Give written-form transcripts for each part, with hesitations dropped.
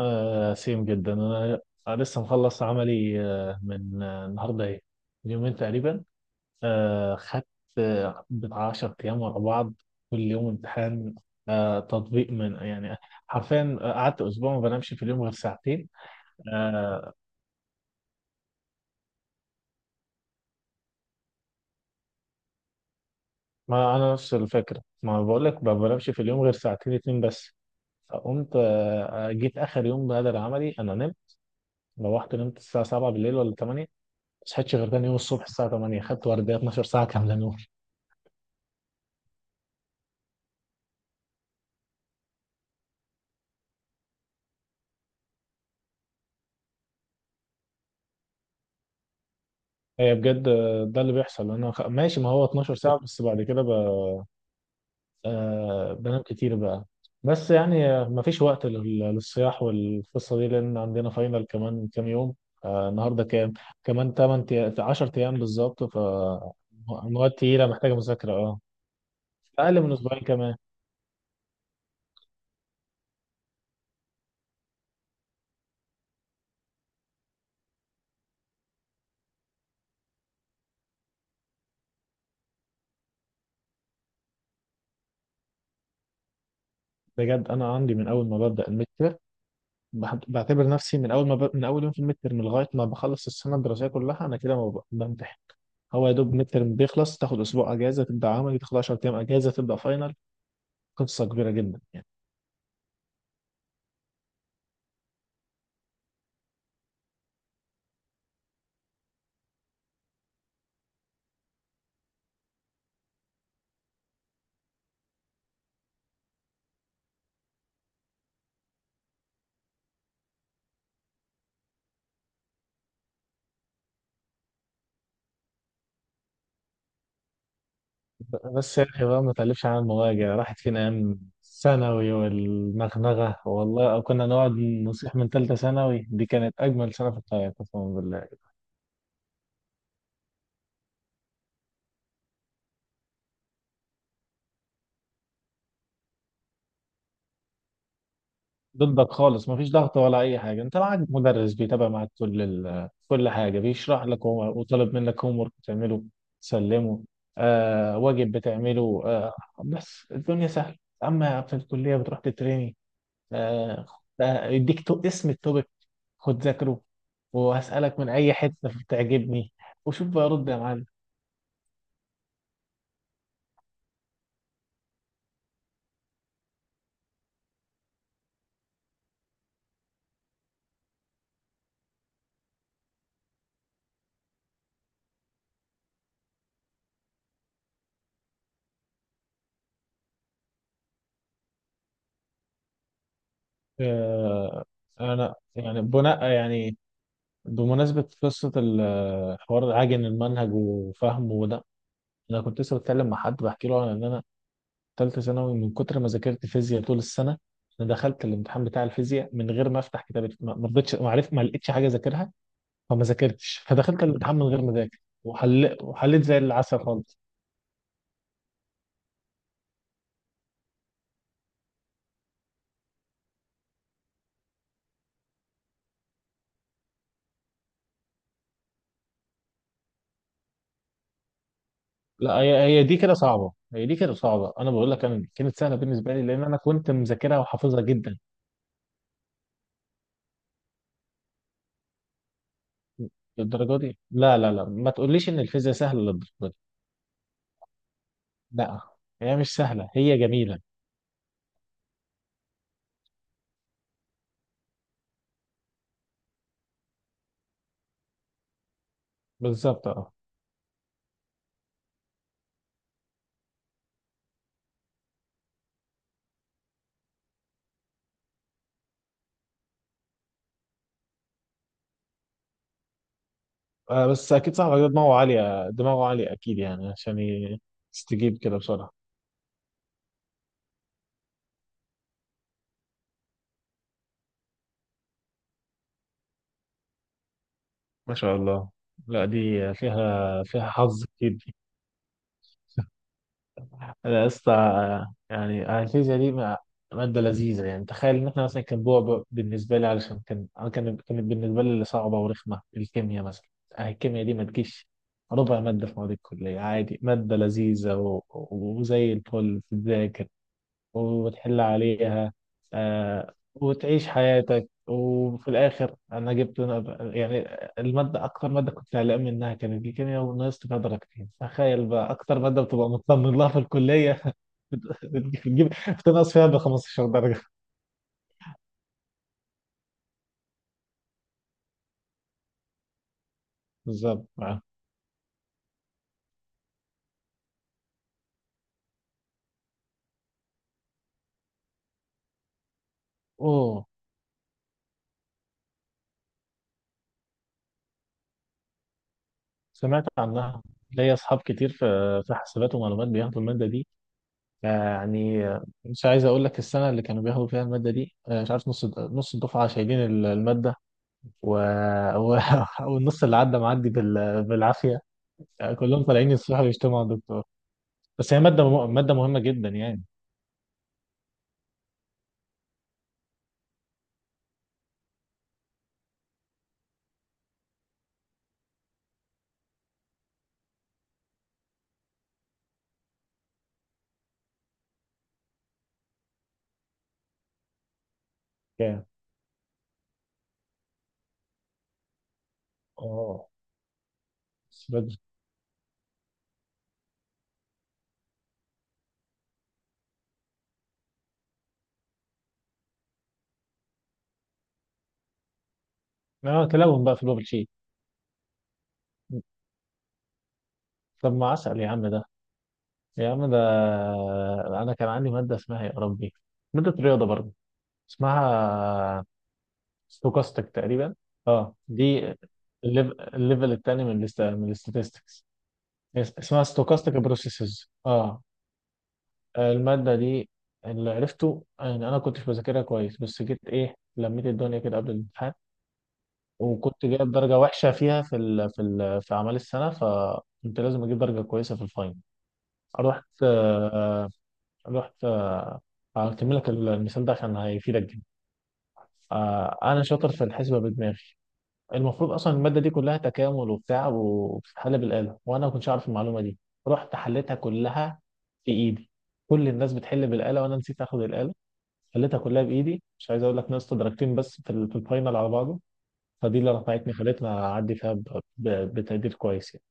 آه، سيم جدا انا. أنا لسه مخلص عملي من النهارده ايه، من يومين تقريبا. خدت بتاع 10 ايام ورا بعض، كل يوم امتحان. تطبيق من يعني، حرفيا قعدت اسبوع ما بنامش في اليوم غير ساعتين. آه ما انا نفس الفكره، ما بقول لك ما بنامش في اليوم غير ساعتين اتنين بس. فقمت جيت اخر يوم بهدر العملي، انا نمت. روحت نمت الساعه 7 بالليل ولا 8، ما صحيتش غير تاني يوم الصبح الساعه 8، خدت ورديه 12 ساعه كامله. هي بجد ده اللي بيحصل. ماشي، ما هو 12 ساعة، بس بعد كده بنام كتير بقى. بس يعني مفيش وقت للصياح والقصة دي، لأن عندنا فاينل كمان كام يوم. النهاردة كام؟ كمان 8، 10 أيام بالظبط ف، مواد تقيلة محتاجة مذاكرة أقل من أسبوعين كمان. بجد أنا عندي من أول ما ببدأ المتر، بعتبر نفسي من أول ما ب... من أول يوم في المتر، من لغاية ما بخلص السنة الدراسية كلها، أنا كده ما ب... بمتحن. هو يا دوب ميد ترم بيخلص، تاخد اسبوع اجازه، تبدا عملي، تاخد 10 ايام اجازه، تبدا فاينل. قصه كبيره جدا يعني. بس يا اخي بقى، ما تقلبش على المواجع، راحت فينا ايام ثانوي والنغنغه، والله أو كنا نقعد نصيح. من ثالثه ثانوي، دي كانت اجمل سنه في الحياه قسما بالله. ضدك خالص، مفيش ضغط ولا اي حاجه، انت معاك مدرس بيتابع معاك كل حاجه، بيشرح لك هو، وطالب منك هوم ورك بتعمله تسلمه. واجب بتعمله بس الدنيا سهله، اما في الكليه بتروح تتريني. آه. يديك اسم التوبيك، خد ذاكره، وهسالك من اي حته تعجبني، وشوف بقى رد يا معلم. آه. انا يعني بناء يعني، بمناسبة قصة الحوار عاجن المنهج وفهمه، انا كنت لسه بتكلم مع حد بحكي له عن ان انا ثالثه ثانوي، من كتر ما ذاكرت فيزياء طول السنه، انا دخلت الامتحان بتاع الفيزياء من غير ما افتح كتاب، ما رضيتش، ما عرفت، ما لقيتش حاجه اذاكرها، فما ذاكرتش، فدخلت الامتحان من غير ما اذاكر. وحليت زي العسل خالص. لا، هي دي كده صعبه، هي دي كده صعبه، انا بقول لك انا كانت سهله بالنسبه لي، لان انا كنت مذاكرها وحافظها جدا للدرجه دي. لا لا لا، ما تقوليش ان الفيزياء سهله للدرجه دي. لا، هي مش سهله، هي جميله. بالظبط، اه. بس اكيد صاحبك ده دماغه عاليه، دماغه عاليه اكيد يعني، عشان يستجيب كده بسرعه. ما شاء الله. لا، دي فيها حظ كتير دي. انا يا اسطى، يعني الفيزياء دي ماده لذيذه يعني، تخيل ان احنا مثلا كان بعبع بالنسبه لي، علشان كان أنا كان كانت بالنسبه لي اللي صعبه ورخمه الكيمياء مثلا. الكيمياء دي ما تجيش ربع ماده في مواد الكليه، عادي، ماده لذيذه وزي الفل تتذاكر وتحل عليها. وتعيش حياتك، وفي الآخر أنا جبت، يعني، المادة أكتر مادة كنت قلقان منها كانت الكيمياء، ونقصت فيها درجتين. تخيل بقى، أكتر مادة بتبقى مطمن لها في الكلية بتجيب، بتنقص فيها ب 15 درجة. بالظبط، آه. أوه، سمعت عنها، ليا أصحاب كتير في حسابات ومعلومات بياخدوا المادة دي يعني. مش عايز أقول لك السنة اللي كانوا بياخدوا فيها المادة دي، مش عارف، نص نص الدفعة شايلين المادة، و... و... والنص اللي عدى معدي بالعافيه، كلهم طالعين يصيحوا يشتموا على الدكتور. بس هي ماده ماده مهمه جدا يعني. كام، اه، بس بدري. اه، تلون بقى في البابل شيت. طب ما عسل يا عم ده، يا عم ده. انا كان عندي ماده اسمها يا ربي، ماده رياضه برضه، اسمها ستوكاستيك تقريبا. اه، دي الليفل التاني من الاستاتستكس، اسمها ستوكاستيك بروسيسز. اه، المادة دي اللي عرفته يعني، أنا كنتش بذاكرها كويس، بس جيت إيه لميت الدنيا كده قبل الامتحان، وكنت جايب درجة وحشة فيها في أعمال السنة، فكنت لازم أجيب درجة كويسة في الفاينل. رحت آه، رحت هكمل لك المثال ده عشان هيفيدك جدا. أنا شاطر في الحسبة بدماغي. المفروض اصلا الماده دي كلها تكامل وبتاع، وبتتحل بالاله، وانا ما كنتش اعرف المعلومه دي. رحت حليتها كلها في ايدي. كل الناس بتحل بالاله، وانا نسيت اخد الاله، حليتها كلها بايدي. مش عايز اقول لك، ناقصت درجتين بس في الفاينل على بعضه. فدي اللي رفعتني، خلتني اعدي فيها بتقدير كويس يعني.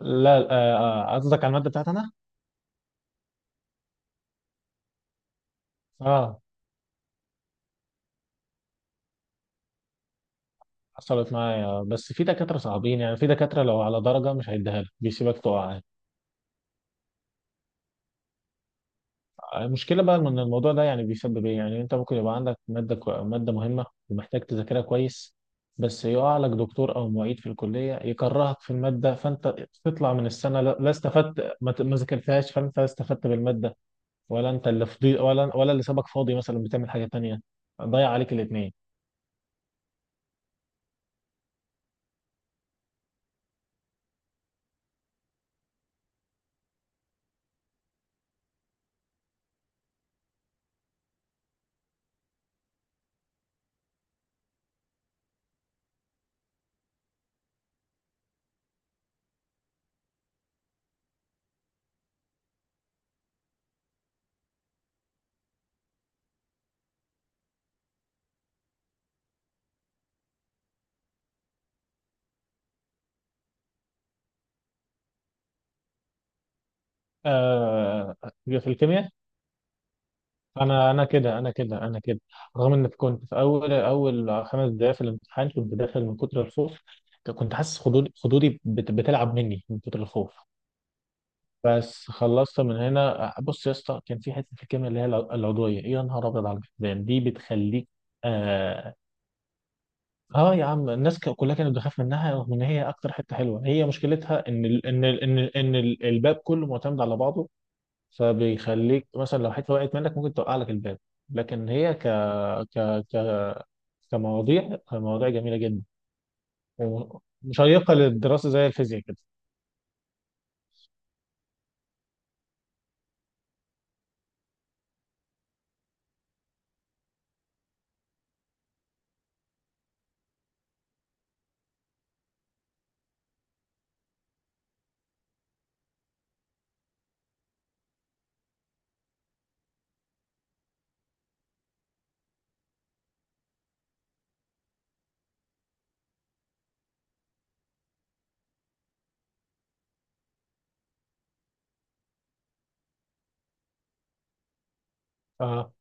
لا، قصدك على الماده بتاعتي انا. اه، حصلت معايا، بس في دكاتره صعبين يعني، في دكاتره لو على درجه مش هيديها لك، بيسيبك تقع يعني. المشكلة بقى من الموضوع ده يعني، بيسبب ايه يعني، انت ممكن يبقى عندك مادة مادة مهمة ومحتاج تذاكرها كويس، بس يقع لك دكتور او معيد في الكلية يكرهك في المادة، فانت تطلع من السنة، لا، لا استفدت، ما ذاكرتهاش، فانت لا استفدت بالمادة، ولا انت اللي فضي، ولا اللي سابك فاضي مثلا بتعمل حاجة تانية، ضيع عليك الاتنين. آه... في الكيمياء، انا كده، انا كده، انا كده، رغم ان كنت في اول اول خمس دقائق في الامتحان كنت داخل من كتر الخوف، كنت حاسس خدودي خدودي بتلعب مني من كتر الخوف. بس خلصت من هنا. بص يا اسطى، كان في حته في الكيمياء اللي هي العضويه، يا نهار ابيض، على الفقدان دي بتخليك. اه. اه يا عم، الناس كلها كانت بتخاف منها، رغم ان هي اكتر حته حلوه، هي مشكلتها الباب كله معتمد على بعضه، فبيخليك مثلا لو حته وقعت منك ممكن توقع لك الباب. لكن هي ك ك ك كمواضيع، مواضيع جميله جدا ومشيقه للدراسه زي الفيزياء كده. آه.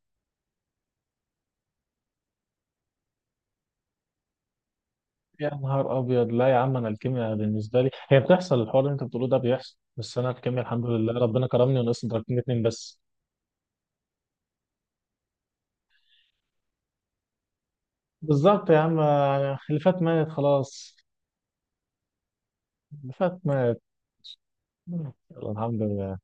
يا نهار ابيض، لا يا عم، انا الكيمياء بالنسبه لي هي بتحصل، الحوار اللي انت بتقوله ده بيحصل، بس انا الكيمياء الحمد لله ربنا كرمني ونقصت درجتين اتنين بس. بالظبط يا عم، اللي فات مات خلاص، اللي فات مات. يلا، الحمد لله.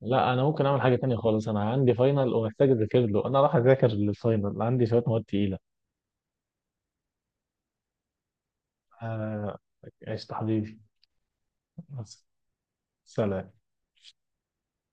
لا، انا ممكن اعمل حاجه تانية خالص، انا عندي فاينل ومحتاج اذاكر له، انا راح اذاكر للفاينل، عندي شويه مواد تقيله. آه، عشت حبيبي. بس. سلام.